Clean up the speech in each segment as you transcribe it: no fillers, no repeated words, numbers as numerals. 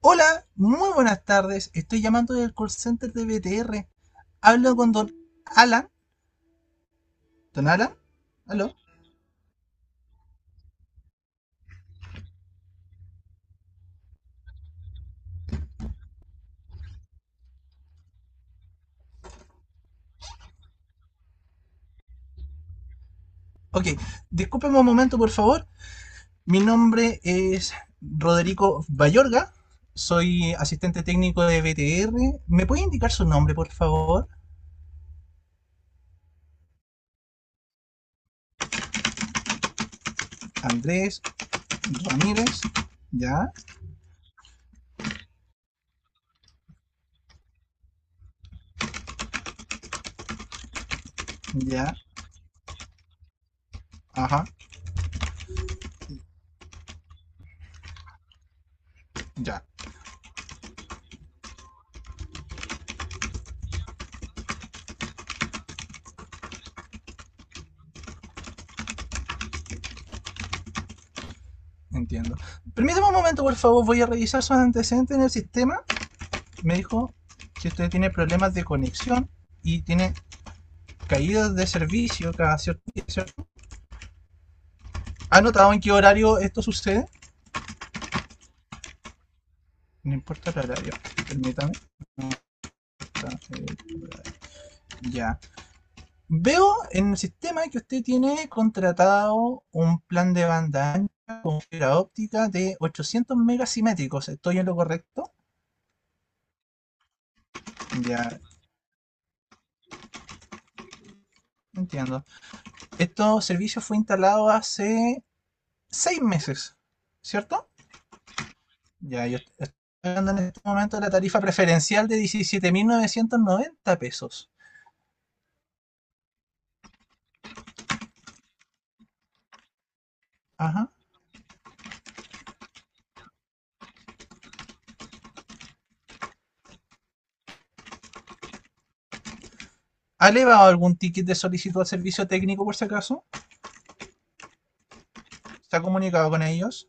Hola, muy buenas tardes. Estoy llamando del call center de BTR. Hablo con don Alan. ¿Don Alan? ¿Aló? Ok, discúlpeme un momento, por favor. Mi nombre es Roderico Bayorga. Soy asistente técnico de BTR. ¿Me puede indicar su nombre, por favor? Andrés Ramírez. Ya, ya, ajá, ya. Entiendo. Permítame un momento, por favor. Voy a revisar sus antecedentes en el sistema, me dijo, si usted tiene problemas de conexión y tiene caídas de servicio cada cierto día, ¿ha notado en qué horario esto sucede? No importa el horario, permítame. No. Ya. Veo en el sistema que usted tiene contratado un plan de banda ancha con fibra óptica de 800 megasimétricos. ¿Estoy en lo correcto? Ya, entiendo. Este servicio fue instalado hace 6 meses, ¿cierto? Ya, yo estoy pagando en este momento la tarifa preferencial de 17.990 pesos. Ajá. ¿Ha elevado algún ticket de solicitud al servicio técnico por si acaso? ¿Se ha comunicado con ellos?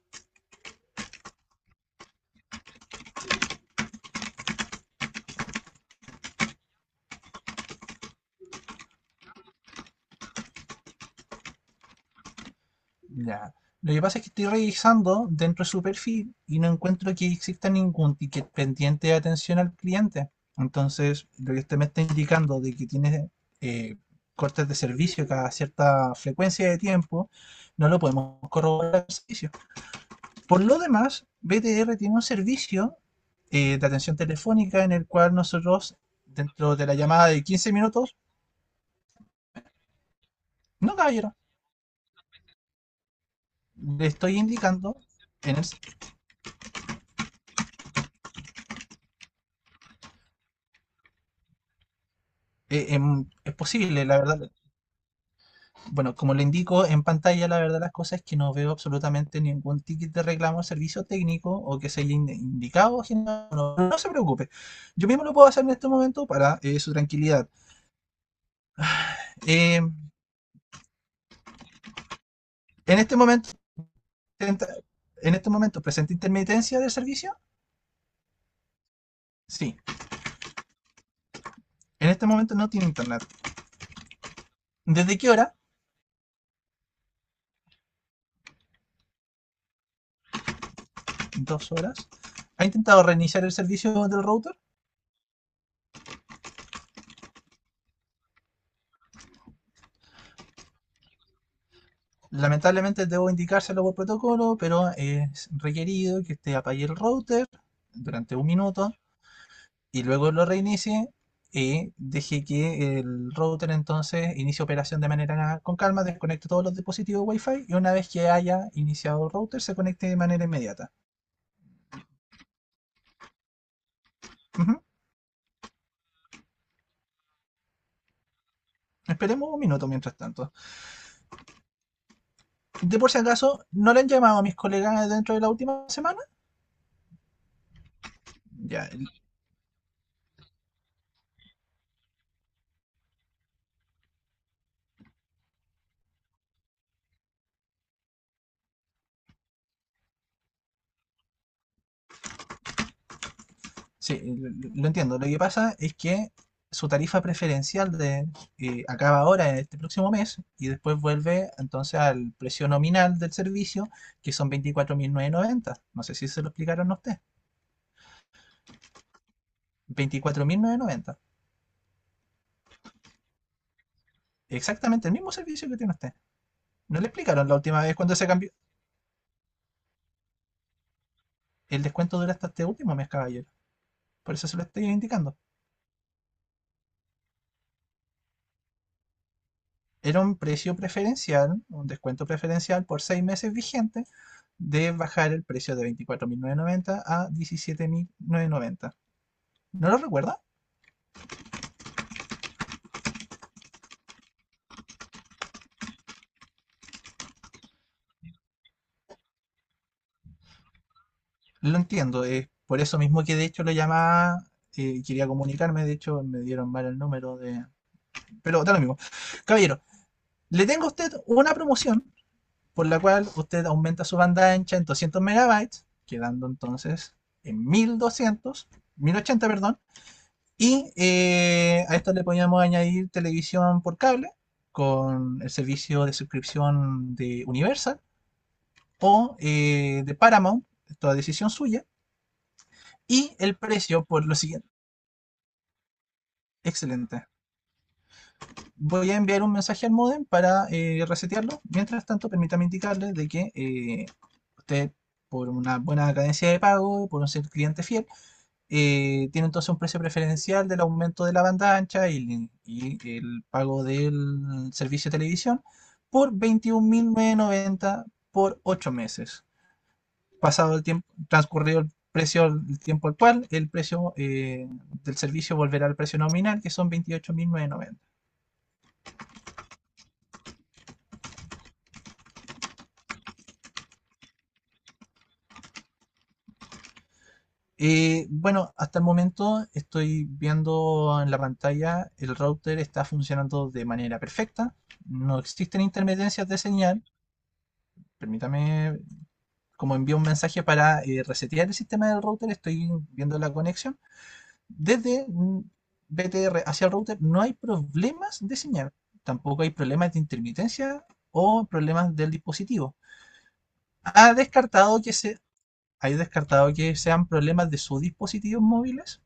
Ya. Lo que pasa es que estoy revisando dentro de su perfil y no encuentro que exista ningún ticket pendiente de atención al cliente. Entonces, lo que usted me está indicando de que tiene eh, cortes de servicio cada cierta frecuencia de tiempo, no lo podemos corroborar al servicio. Por lo demás, BTR tiene un servicio de atención telefónica en el cual nosotros, dentro de la llamada de 15 minutos, no caballero, le estoy indicando, en el- es posible, la verdad, bueno, como le indico en pantalla, la verdad las cosas es que no veo absolutamente ningún ticket de reclamo, servicio técnico o que se haya indicado, general. No, no, no se preocupe, yo mismo lo puedo hacer en este momento para su tranquilidad. Eh, en este momento, presenta- en este momento presenta intermitencia del servicio. Sí, en este momento no tiene internet. ¿Desde qué hora? 2 horas. Ha intentado reiniciar el servicio del router. Lamentablemente debo indicárselo por protocolo, pero es requerido que usted apague el router durante un minuto y luego lo reinicie y deje que el router entonces inicie operación de manera con calma, desconecte todos los dispositivos Wi-Fi y una vez que haya iniciado el router se conecte de manera inmediata. Ujú. Esperemos un minuto mientras tanto. De por si acaso, ¿no le han llamado a mis colegas dentro de la última semana? Ya, sí, lo entiendo. Lo que pasa es que su tarifa preferencial de, acaba ahora este próximo mes y después vuelve entonces al precio nominal del servicio, que son 24.990. No sé si se lo explicaron a usted. 24.990. Exactamente el mismo servicio que tiene usted. No le explicaron la última vez cuando se cambió. El descuento dura hasta este último mes, caballero. Por eso se lo estoy indicando. Era un precio preferencial, un descuento preferencial por 6 meses vigente de bajar el precio de 24.990 a 17.990. ¿No lo recuerda? Lo entiendo, es por eso mismo que de hecho le llamaba, quería comunicarme, de hecho me dieron mal el número de... Pero da lo mismo. Caballero, le tengo a usted una promoción por la cual usted aumenta su banda ancha en 200 megabytes, quedando entonces en 1200, 1080, perdón. Y a esto le podíamos añadir televisión por cable con el servicio de suscripción de Universal o de Paramount, toda decisión suya, y el precio por lo siguiente. Excelente. Voy a enviar un mensaje al módem para resetearlo. Mientras tanto, permítame indicarle de que usted, por una buena cadencia de pago, por un ser cliente fiel, tiene entonces un precio preferencial del aumento de la banda ancha y el pago del servicio de televisión por 21.990 por 8 meses. Pasado el tiempo, transcurrido el precio, el tiempo actual, el precio del servicio volverá al precio nominal, que son 28.990. Bueno, hasta el momento estoy viendo en la pantalla, el router está funcionando de manera perfecta, no existen intermitencias de señal, permítame como envío un mensaje para resetear el sistema del router, estoy viendo la conexión, desde BTR hacia el router no hay problemas de señal, tampoco hay problemas de intermitencia o problemas del dispositivo. Ha descartado que se, hay descartado que sean problemas de sus dispositivos móviles,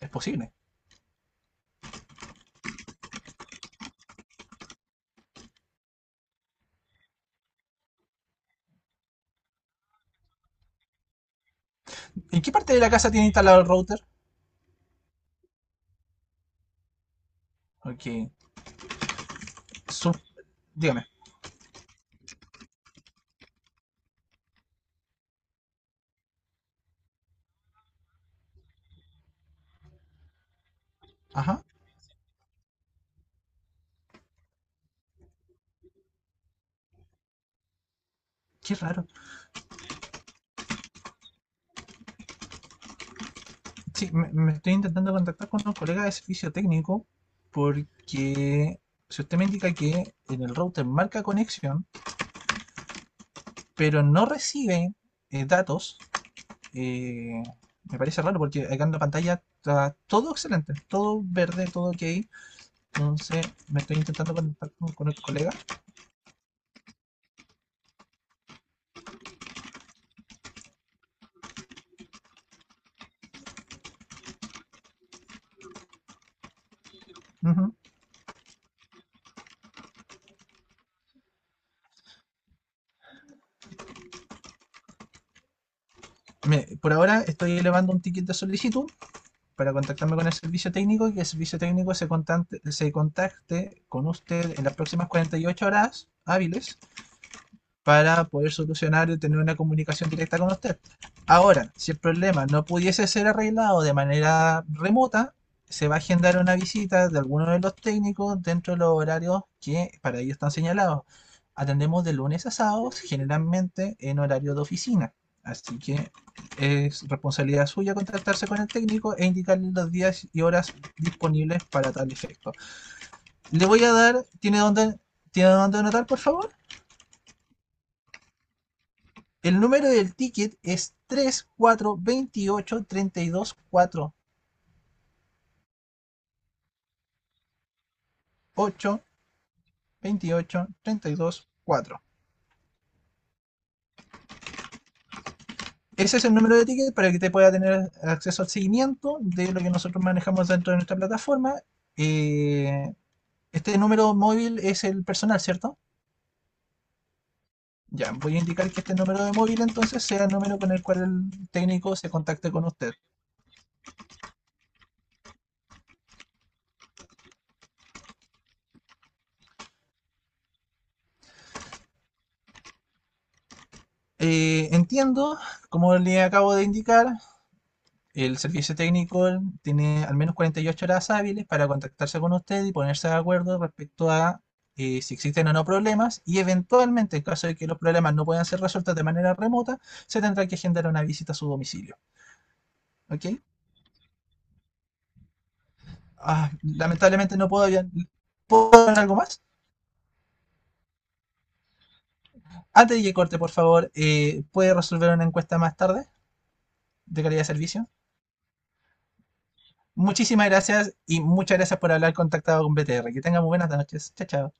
es posible. ¿En qué parte de la casa tiene instalado el router? Ok, Sub, dígame. Ajá, qué raro. Sí, me estoy intentando contactar con un colega de servicio técnico porque si usted me indica que en el router marca conexión, pero no recibe datos, eh, me parece raro porque acá en la pantalla está todo excelente, todo verde, todo ok. Entonces me estoy intentando contactar con el colega. Ujú. Por ahora estoy elevando un ticket de solicitud para contactarme con el servicio técnico y que el servicio técnico se contacte con usted en las próximas 48 horas hábiles para poder solucionar y tener una comunicación directa con usted. Ahora, si el problema no pudiese ser arreglado de manera remota, se va a agendar una visita de alguno de los técnicos dentro de los horarios que para ellos están señalados. Atendemos de lunes a sábados, generalmente en horario de oficina. Así que es responsabilidad suya contactarse con el técnico e indicarle los días y horas disponibles para tal efecto. Le voy a dar, ¿tiene dónde anotar, por favor? El número del ticket es tres cuatro veintiocho treinta y dos cuatro ocho veintiocho treinta y dos cuatro. Ese es el número de ticket para que te pueda tener acceso al seguimiento de lo que nosotros manejamos dentro de nuestra plataforma. Eh, este número móvil es el personal, ¿cierto? Ya, voy a indicar que este número de móvil entonces sea el número con el cual el técnico se contacte con usted. Entiendo, como le acabo de indicar, el servicio técnico tiene al menos 48 horas hábiles para contactarse con usted y ponerse de acuerdo respecto a si existen o no problemas y eventualmente, en caso de que los problemas no puedan ser resueltos de manera remota, se tendrá que agendar una visita a su domicilio. ¿Ok? Ah, lamentablemente no puedo hablar. ¿Puedo hablar algo más? Antes de que corte, por favor, ¿puede resolver una encuesta más tarde de calidad de servicio? Muchísimas gracias y muchas gracias por haber contactado con BTR. Que tengan muy buenas noches. Chao, chao.